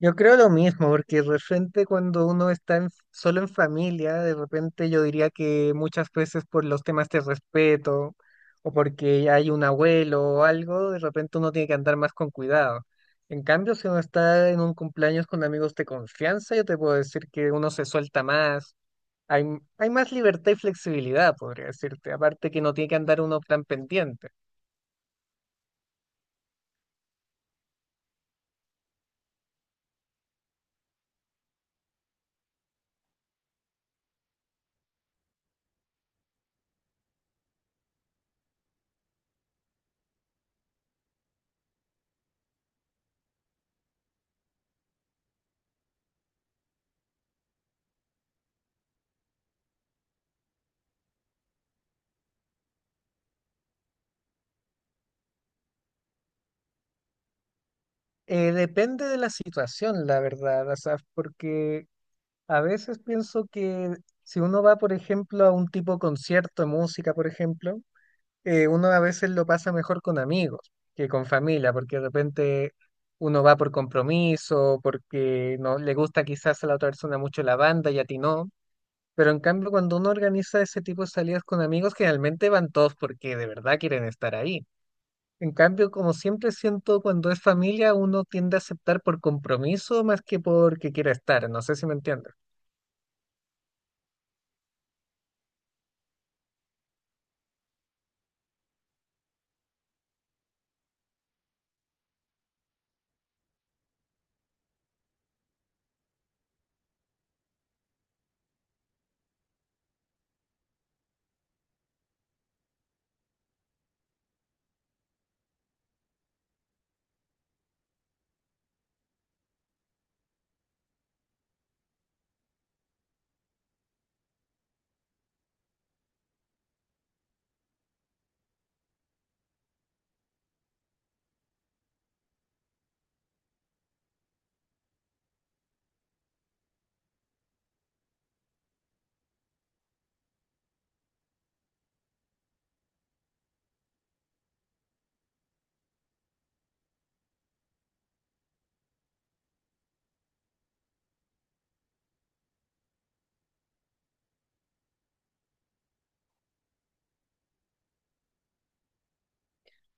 Yo creo lo mismo, porque de repente cuando uno solo en familia, de repente yo diría que muchas veces por los temas de respeto o porque hay un abuelo o algo, de repente uno tiene que andar más con cuidado. En cambio, si uno está en un cumpleaños con amigos de confianza, yo te puedo decir que uno se suelta más, hay más libertad y flexibilidad, podría decirte, aparte que no tiene que andar uno tan pendiente. Depende de la situación, la verdad, o sea, porque a veces pienso que si uno va, por ejemplo, a un tipo de concierto de música, por ejemplo, uno a veces lo pasa mejor con amigos que con familia, porque de repente uno va por compromiso, porque no le gusta quizás a la otra persona mucho la banda y a ti no. Pero en cambio, cuando uno organiza ese tipo de salidas con amigos, generalmente van todos porque de verdad quieren estar ahí. En cambio, como siempre siento, cuando es familia, uno tiende a aceptar por compromiso más que porque quiera estar. No sé si me entiendes.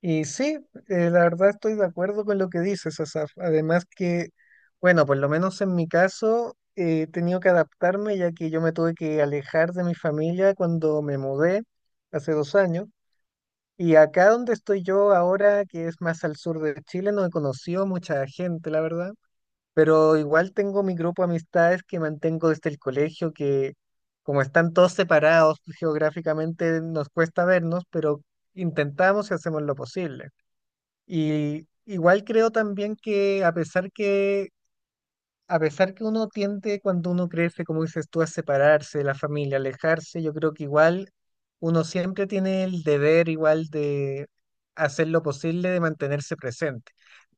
Y sí, la verdad estoy de acuerdo con lo que dices, Asaf. Además que, bueno, por lo menos en mi caso, he tenido que adaptarme ya que yo me tuve que alejar de mi familia cuando me mudé hace 2 años. Y acá donde estoy yo ahora, que es más al sur de Chile, no he conocido mucha gente, la verdad. Pero igual tengo mi grupo de amistades que mantengo desde el colegio, que como están todos separados geográficamente, nos cuesta vernos, pero intentamos y hacemos lo posible. Y igual creo también que a pesar que uno tiende cuando uno crece, como dices tú, a separarse de la familia, alejarse, yo creo que igual uno siempre tiene el deber igual de hacer lo posible de mantenerse presente.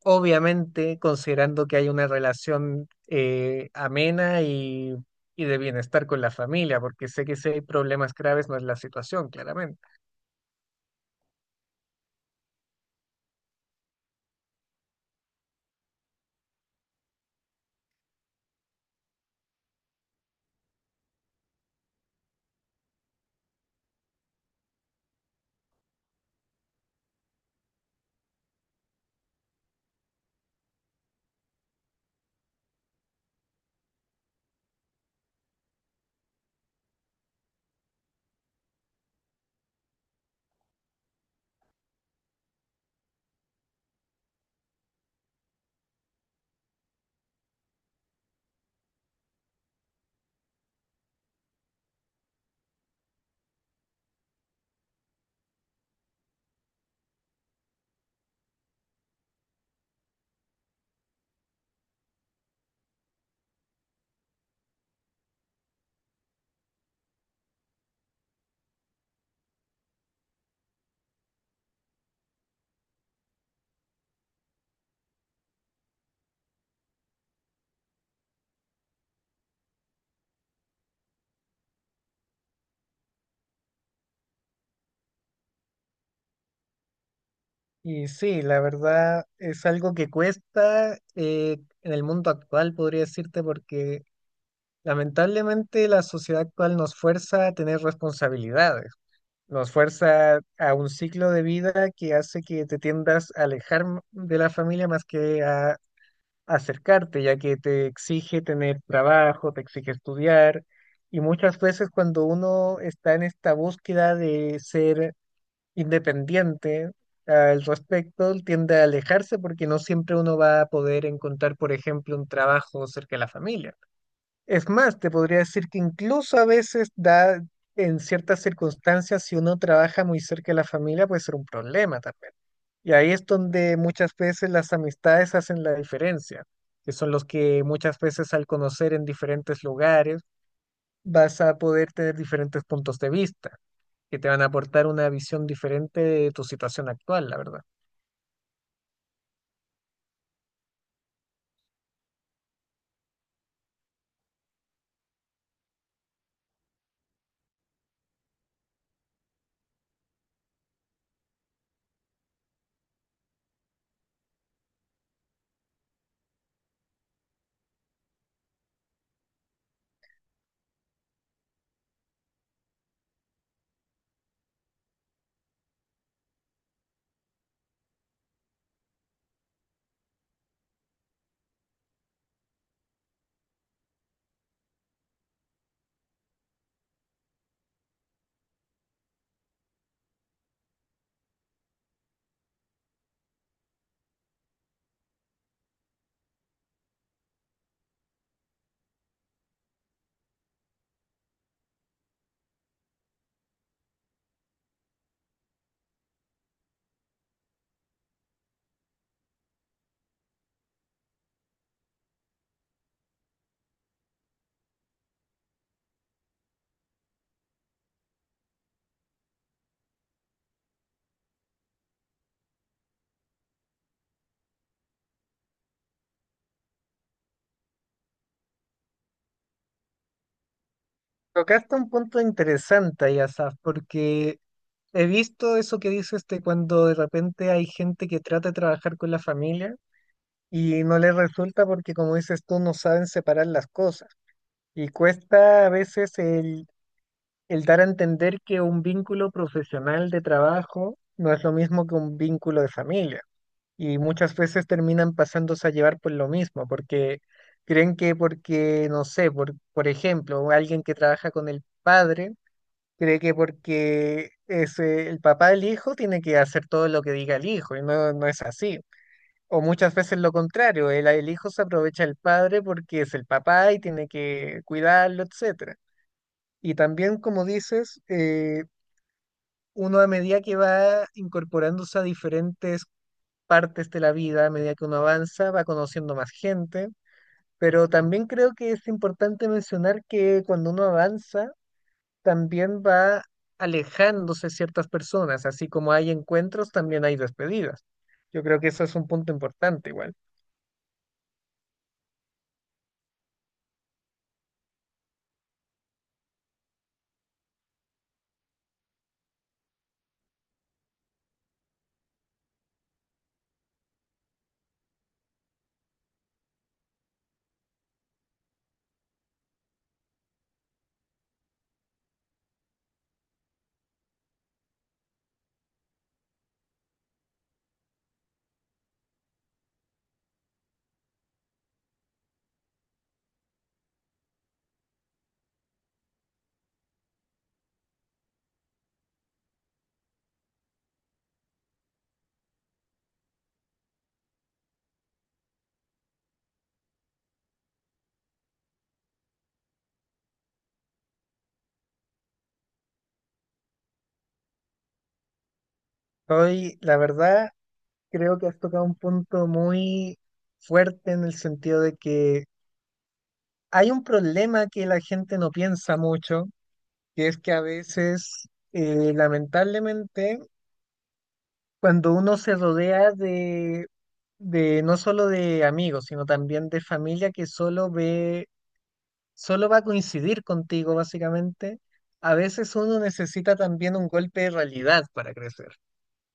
Obviamente, considerando que hay una relación amena y de bienestar con la familia, porque sé que si hay problemas graves no es la situación, claramente. Y sí, la verdad es algo que cuesta en el mundo actual, podría decirte, porque lamentablemente la sociedad actual nos fuerza a tener responsabilidades, nos fuerza a un ciclo de vida que hace que te tiendas a de la familia más que a acercarte, ya que te exige tener trabajo, te exige estudiar, y muchas veces cuando uno está en esta búsqueda de ser independiente al respecto, tiende a alejarse porque no siempre uno va a poder encontrar, por ejemplo, un trabajo cerca de la familia. Es más, te podría decir que incluso a veces da, en ciertas circunstancias, si uno trabaja muy cerca de la familia, puede ser un problema también. Y ahí es donde muchas veces las amistades hacen la diferencia, que son los que muchas veces al conocer en diferentes lugares vas a poder tener diferentes puntos de vista que te van a aportar una visión diferente de tu situación actual, la verdad. Tocaste un punto interesante ahí, Asaf, porque he visto eso que dices de cuando de repente hay gente que trata de trabajar con la familia y no les resulta porque, como dices tú, no saben separar las cosas. Y cuesta a veces el dar a entender que un vínculo profesional de trabajo no es lo mismo que un vínculo de familia. Y muchas veces terminan pasándose a llevar por lo mismo, porque creen que porque, no sé, por ejemplo, alguien que trabaja con el padre, cree que porque es el papá del hijo tiene que hacer todo lo que diga el hijo, y no, no es así. O muchas veces lo contrario, el hijo se aprovecha del padre porque es el papá y tiene que cuidarlo, etcétera. Y también, como dices, uno a medida que va incorporándose a diferentes partes de la vida a medida que uno avanza, va conociendo más gente, pero también creo que es importante mencionar que cuando uno avanza, también va alejándose ciertas personas, así como hay encuentros, también hay despedidas. Yo creo que eso es un punto importante igual. Hoy, la verdad, creo que has tocado un punto muy fuerte en el sentido de que hay un problema que la gente no piensa mucho, que es que a veces, lamentablemente, cuando uno se rodea de no solo de amigos, sino también de familia que solo ve, solo va a coincidir contigo, básicamente, a veces uno necesita también un golpe de realidad para crecer.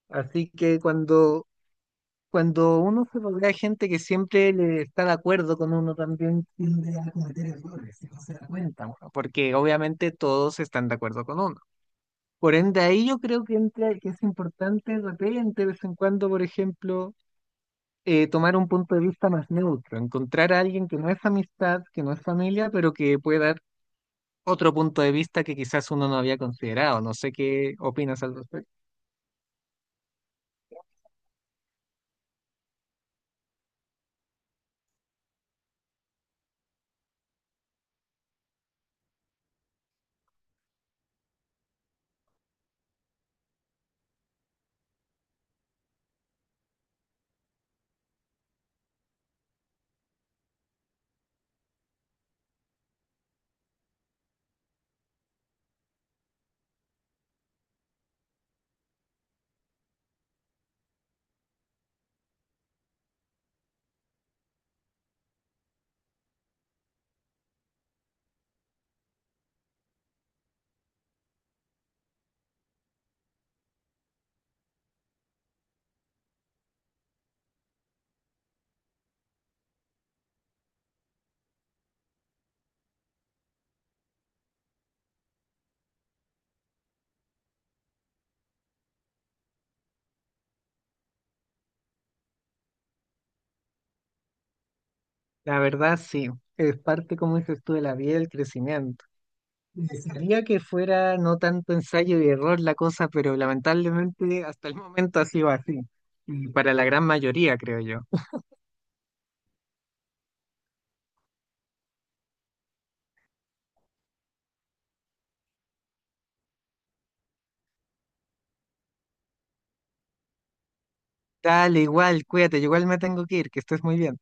Así que cuando uno se rodea de gente que siempre le está de acuerdo con uno, también tiende a cometer errores y no se da cuenta, bueno, porque obviamente todos están de acuerdo con uno. Por ende, ahí yo creo que entra, que es importante de repente, de vez en cuando, por ejemplo, tomar un punto de vista más neutro, encontrar a alguien que no es amistad, que no es familia, pero que puede dar otro punto de vista que quizás uno no había considerado. No sé qué opinas al respecto. La verdad, sí, es parte, como dices tú, de la vida y del crecimiento. Desearía que fuera no tanto ensayo y error la cosa, pero lamentablemente hasta el momento ha sido así, y para la gran mayoría, creo yo. Dale, igual, cuídate, yo igual me tengo que ir, que estés muy bien.